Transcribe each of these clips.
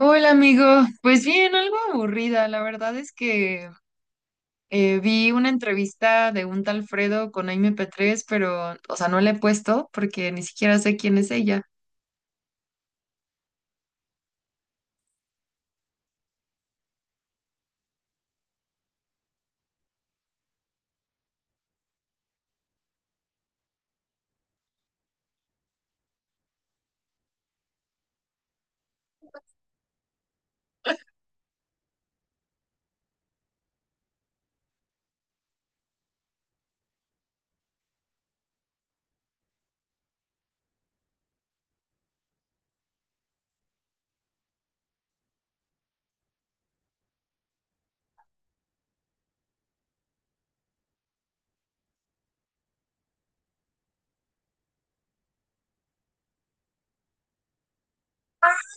Hola amigo, pues bien, algo aburrida. La verdad es que vi una entrevista de un tal Fredo con Aime P3, pero, o sea, no la he puesto porque ni siquiera sé quién es ella.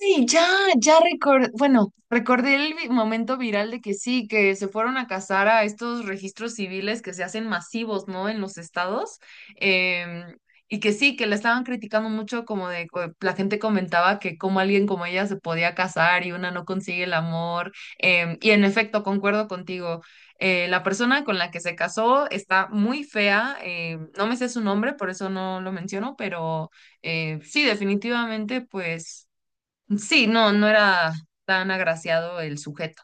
Ay, ya, ya recordé, bueno, recordé momento viral de que sí, que se fueron a cazar a estos registros civiles que se hacen masivos, ¿no? En los estados. em, y que sí, que la estaban criticando mucho, como de, la gente comentaba que como alguien como ella se podía casar y una no consigue el amor. Y en efecto, concuerdo contigo. La persona con la que se casó está muy fea, no me sé su nombre, por eso no lo menciono, pero sí, definitivamente, pues. Sí, no, no era tan agraciado el sujeto.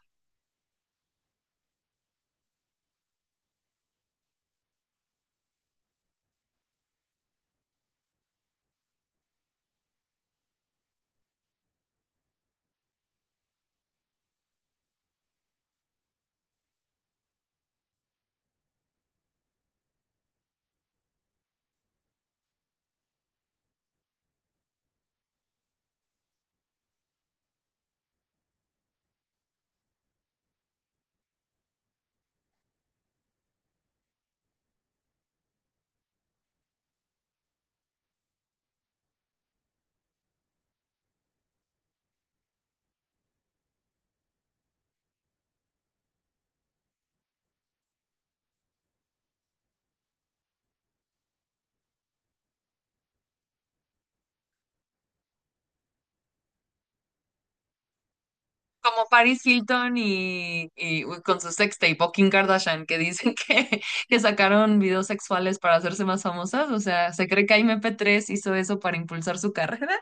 Como Paris Hilton y uy, con su sextape o Kim Kardashian, que dicen que sacaron videos sexuales para hacerse más famosas. O sea, ¿se cree que MP3 hizo eso para impulsar su carrera?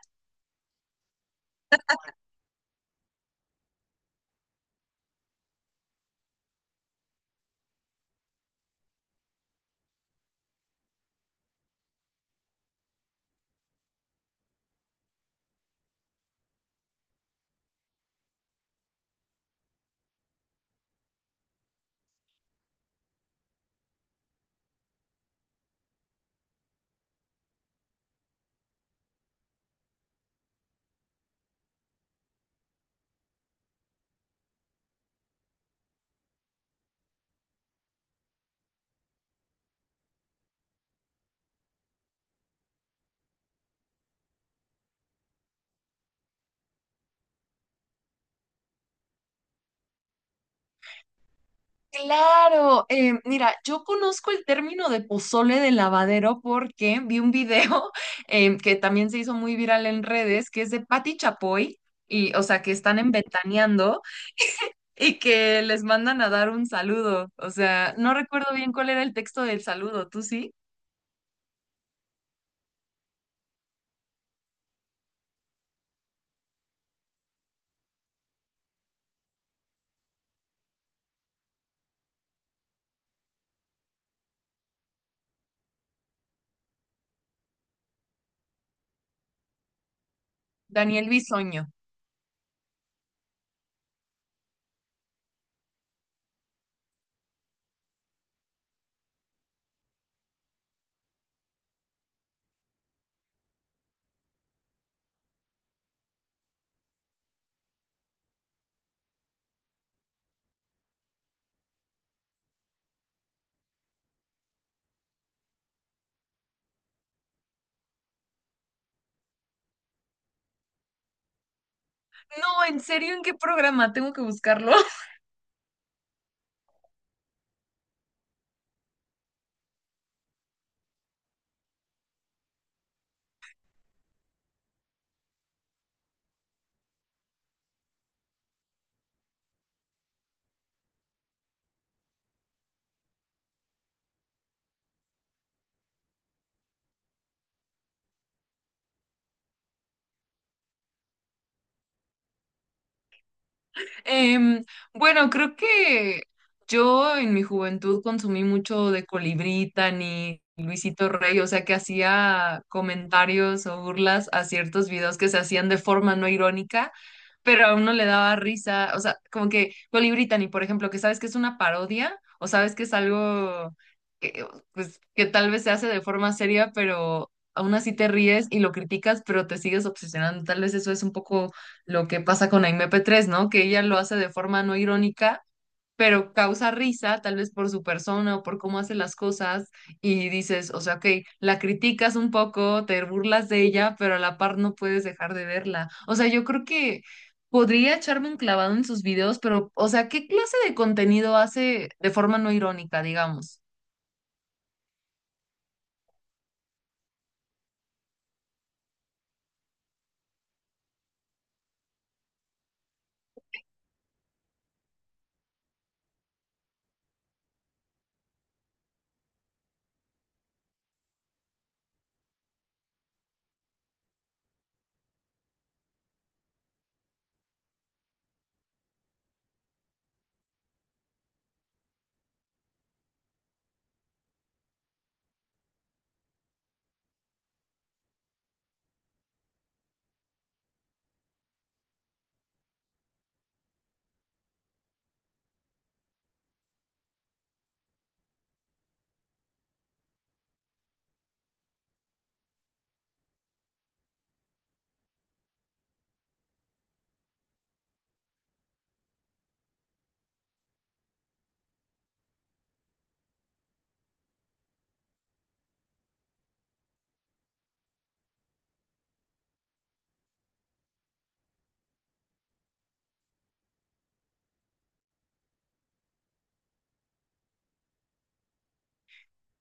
Claro, mira, yo conozco el término de pozole de lavadero porque vi un video que también se hizo muy viral en redes, que es de Patti Chapoy, y, o sea, que están en Ventaneando y que les mandan a dar un saludo. O sea, no recuerdo bien cuál era el texto del saludo, ¿tú sí? Daniel Bisoño. No, en serio, ¿en qué programa? Tengo que buscarlo. Em, bueno, creo que yo en mi juventud consumí mucho de Colibrí, ni Luisito Rey, o sea que hacía comentarios o burlas a ciertos videos que se hacían de forma no irónica, pero a uno le daba risa, o sea, como que Colibrí, ni por ejemplo, que sabes que es una parodia o sabes que es algo que, pues, que tal vez se hace de forma seria, pero aún así te ríes y lo criticas, pero te sigues obsesionando. Tal vez eso es un poco lo que pasa con Aimee P3, ¿no? Que ella lo hace de forma no irónica, pero causa risa, tal vez por su persona o por cómo hace las cosas, y dices, o sea, ok, la criticas un poco, te burlas de ella, pero a la par no puedes dejar de verla. O sea, yo creo que podría echarme un clavado en sus videos, pero, o sea, ¿qué clase de contenido hace de forma no irónica, digamos?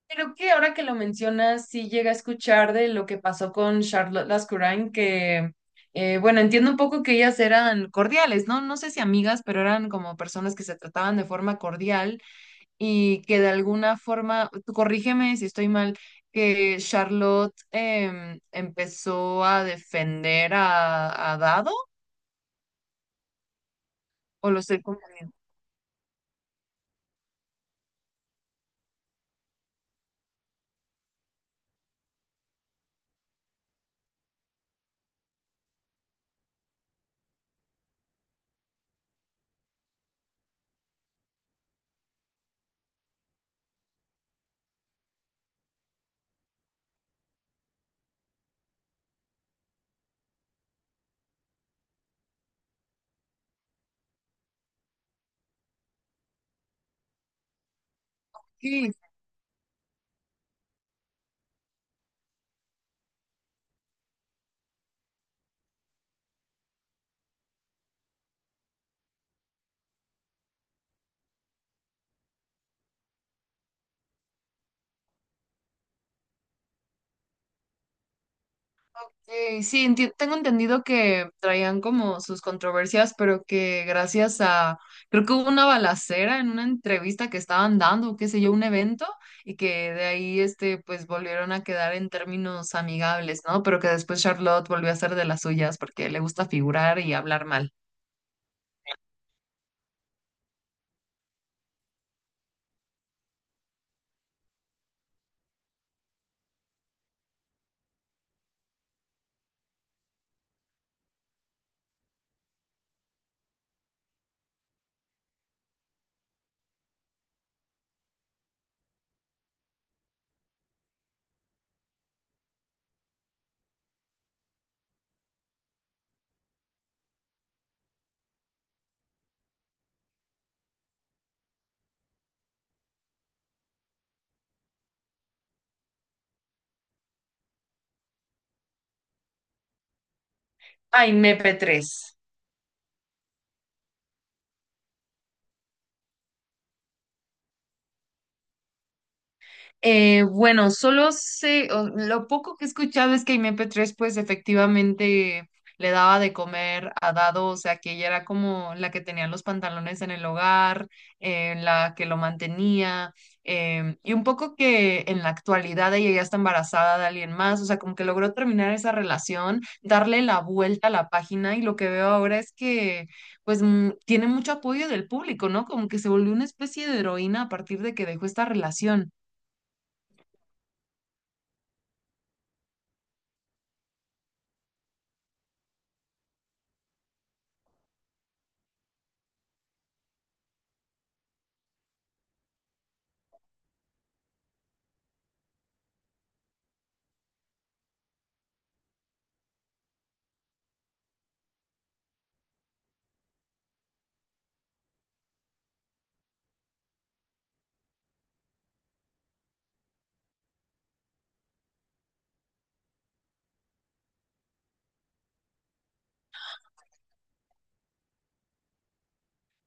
Creo que ahora que lo mencionas, sí llega a escuchar de lo que pasó con Charlotte Lascurain, que, bueno, entiendo un poco que ellas eran cordiales, ¿no? No sé si amigas, pero eran como personas que se trataban de forma cordial y que de alguna forma, tú corrígeme si estoy mal, que Charlotte empezó a defender a Dado, o lo estoy confundiendo. Sí, tengo entendido que traían como sus controversias, pero que gracias a, creo que hubo una balacera en una entrevista que estaban dando, qué sé yo, un evento, y que de ahí, este, pues volvieron a quedar en términos amigables, ¿no? Pero que después Charlotte volvió a ser de las suyas porque le gusta figurar y hablar mal. Ay, MP3. Bueno, solo sé, lo poco que he escuchado es que MP3 pues efectivamente le daba de comer a Dado, o sea que ella era como la que tenía los pantalones en el hogar, la que lo mantenía, y un poco que en la actualidad ella ya está embarazada de alguien más, o sea, como que logró terminar esa relación, darle la vuelta a la página y lo que veo ahora es que pues tiene mucho apoyo del público, ¿no? Como que se volvió una especie de heroína a partir de que dejó esta relación.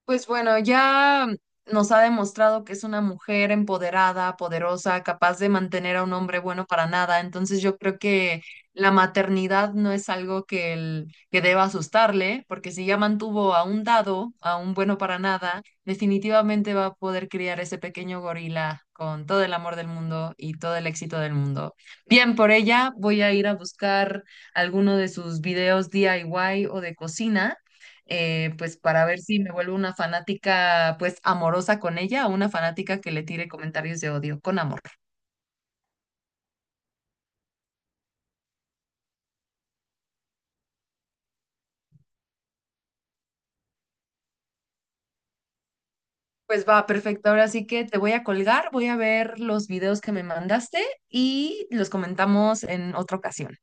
Pues bueno, ya nos ha demostrado que es una mujer empoderada, poderosa, capaz de mantener a un hombre bueno para nada. Entonces yo creo que la maternidad no es algo que, que deba asustarle, porque si ya mantuvo a un dado, a un bueno para nada, definitivamente va a poder criar ese pequeño gorila con todo el amor del mundo y todo el éxito del mundo. Bien, por ella voy a ir a buscar alguno de sus videos DIY o de cocina pues para ver si me vuelvo una fanática pues amorosa con ella o una fanática que le tire comentarios de odio con amor. Pues va, perfecto. Ahora sí que te voy a colgar, voy a ver los videos que me mandaste y los comentamos en otra ocasión.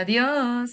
Adiós.